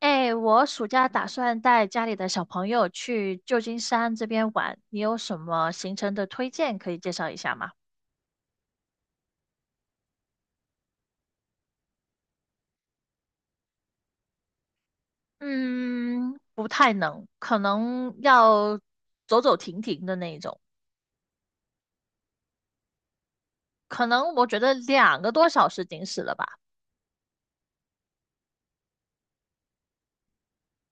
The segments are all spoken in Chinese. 哎，我暑假打算带家里的小朋友去旧金山这边玩，你有什么行程的推荐可以介绍一下吗？嗯，不太能，可能要走走停停的那一种，可能我觉得两个多小时顶死了吧。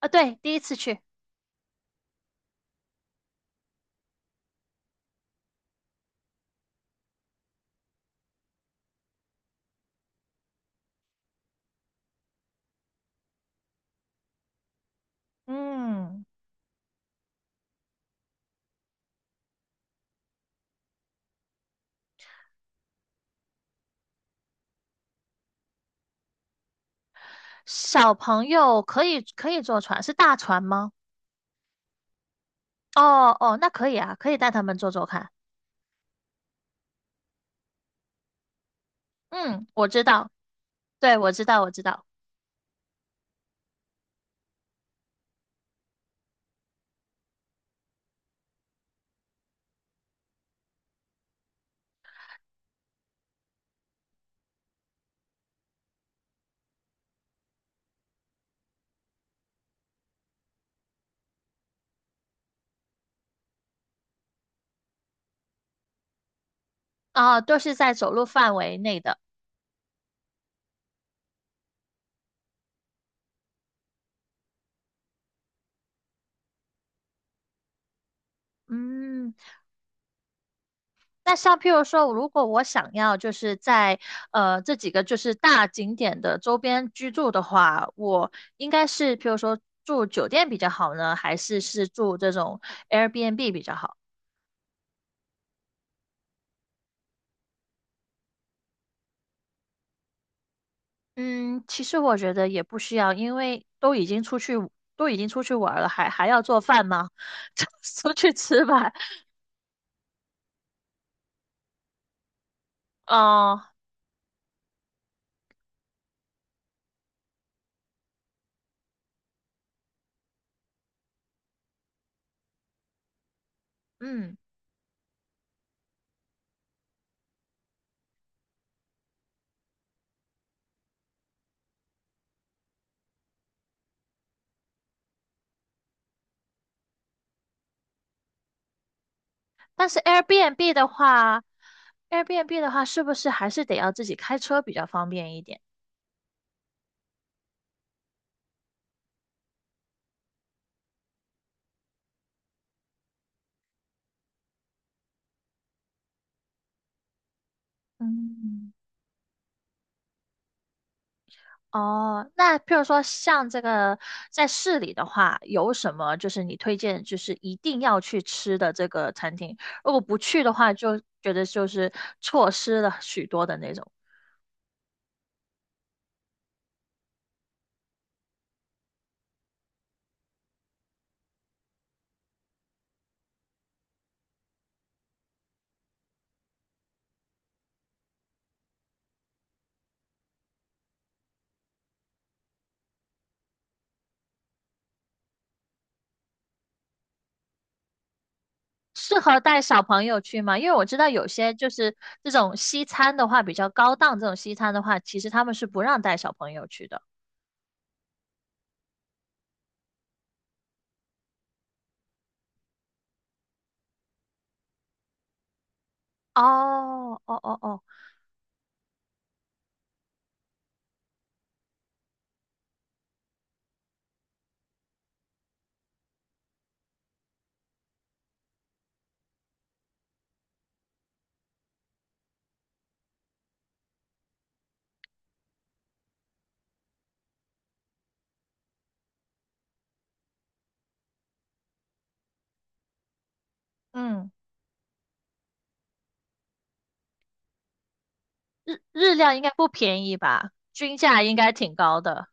啊，对，第一次去。嗯，小朋友可以可以坐船，是大船吗？哦哦，那可以啊，可以带他们坐坐看。嗯，我知道，对，我知道，我知道。啊，都是在走路范围内的。嗯，那像譬如说，如果我想要就是在这几个就是大景点的周边居住的话，我应该是譬如说住酒店比较好呢，还是是住这种 Airbnb 比较好？嗯，其实我觉得也不需要，因为都已经出去玩儿了，还要做饭吗？就出去吃吧。哦，嗯，但是 Airbnb 的话，Airbnb 的话是不是还是得要自己开车比较方便一点？嗯，哦，那譬如说像这个在市里的话，有什么就是你推荐就是一定要去吃的这个餐厅？如果不去的话，就觉得就是错失了许多的那种。适合带小朋友去吗？因为我知道有些就是这种西餐的话，比较高档这种西餐的话，其实他们是不让带小朋友去的。哦，哦哦哦，嗯，日料应该不便宜吧？均价应该挺高的。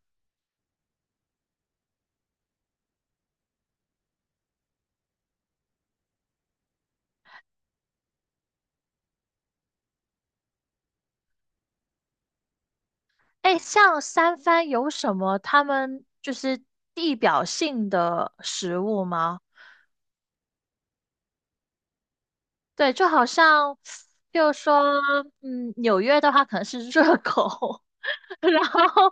哎，像三藩有什么他们就是地表性的食物吗？对，就好像，就说，嗯，纽约的话可能是热狗，然后，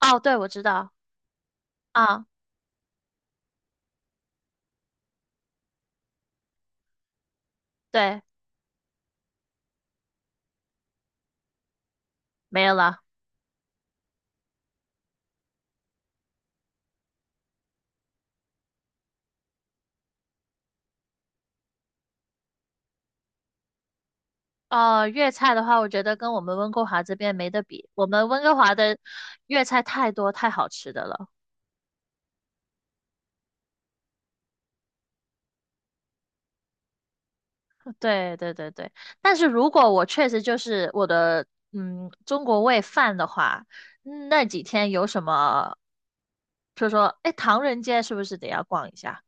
哦，对，我知道，啊，对，没有了。哦，粤菜的话，我觉得跟我们温哥华这边没得比，我们温哥华的粤菜太多太好吃的了。对对对对，但是如果我确实就是我的嗯中国胃犯的话，嗯那几天有什么，就说哎唐人街是不是得要逛一下？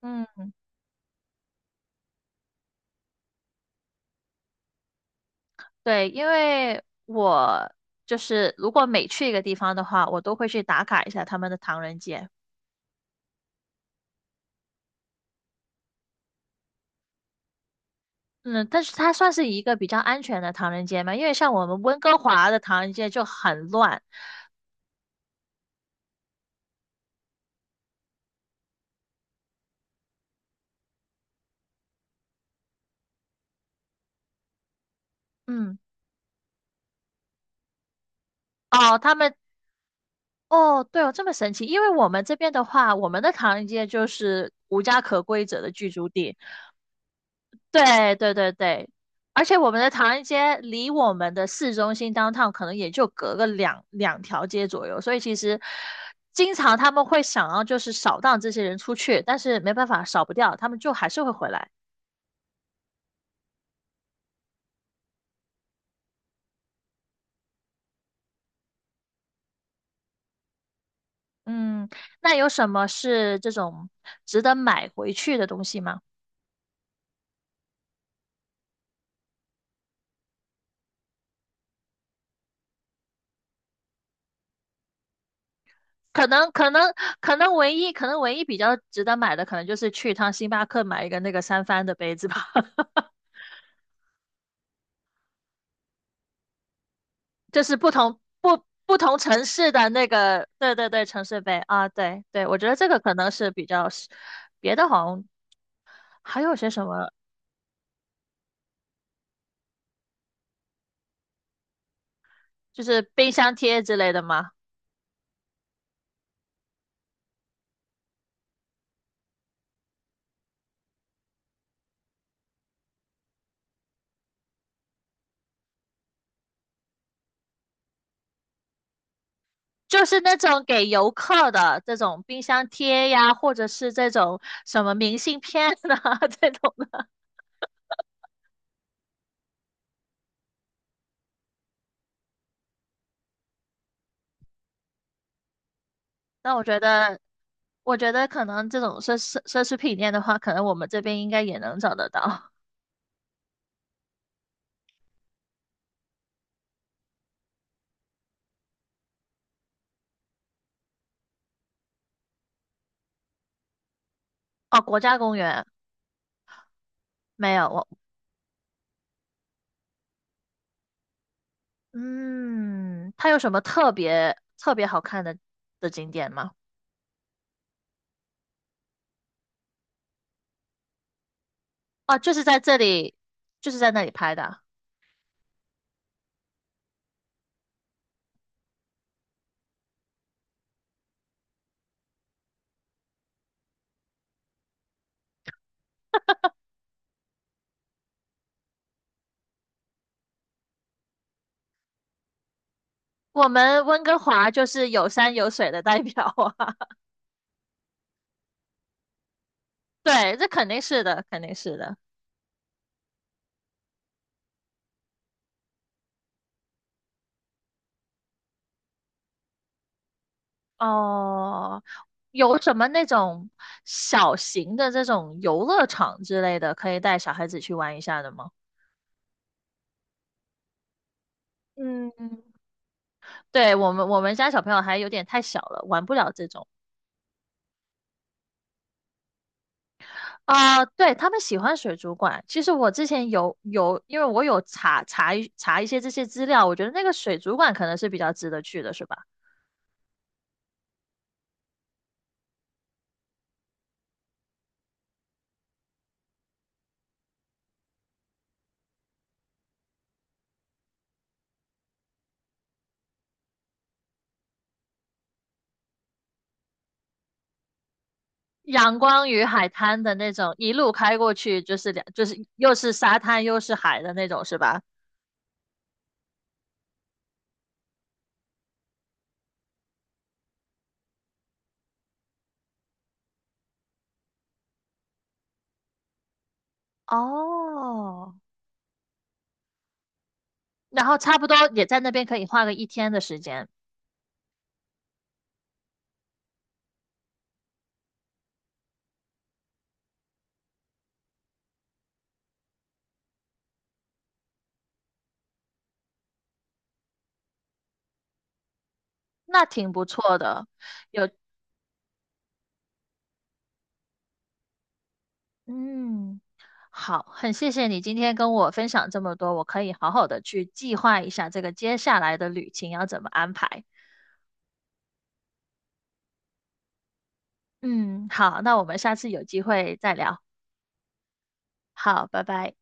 嗯，对，因为我就是如果每去一个地方的话，我都会去打卡一下他们的唐人街。嗯，但是它算是一个比较安全的唐人街嘛，因为像我们温哥华的唐人街就很乱。嗯，哦，他们哦，对哦，这么神奇！因为我们这边的话，我们的唐人街就是无家可归者的居住地。对对对对，而且我们的唐人街离我们的市中心 downtown 可能也就隔个两条街左右，所以其实经常他们会想要就是扫荡这些人出去，但是没办法扫不掉，他们就还是会回来。嗯，那有什么是这种值得买回去的东西吗？可能可能可能唯一比较值得买的，可能就是去一趟星巴克买一个那个三番的杯子吧，就是不同城市的那个，对对对，城市杯啊，对对，我觉得这个可能是比较实，别的好像还有些什么，就是冰箱贴之类的吗？就是那种给游客的这种冰箱贴呀，或者是这种什么明信片啊 这种的，那我觉得。我觉得可能这种奢侈品店的话，可能我们这边应该也能找得到。哦，国家公园没有我，嗯，它有什么特别特别好看的的景点吗？哦，就是在这里，就是在那里拍的。我们温哥华就是有山有水的代表啊。对，这肯定是的，肯定是的。哦，有什么那种小型的这种游乐场之类的，可以带小孩子去玩一下的吗？嗯。对我们我们家小朋友还有点太小了，玩不了这种啊、对他们喜欢水族馆，其实我之前有，因为我有查一些这些资料，我觉得那个水族馆可能是比较值得去的，是吧？阳光与海滩的那种，一路开过去就是两，就是又是沙滩又是海的那种，是吧？哦，然后差不多也在那边可以花个一天的时间，那挺不错的。嗯，好，很谢谢你今天跟我分享这么多，我可以好好的去计划一下这个接下来的旅行要怎么安排。嗯，好，那我们下次有机会再聊。好，拜拜。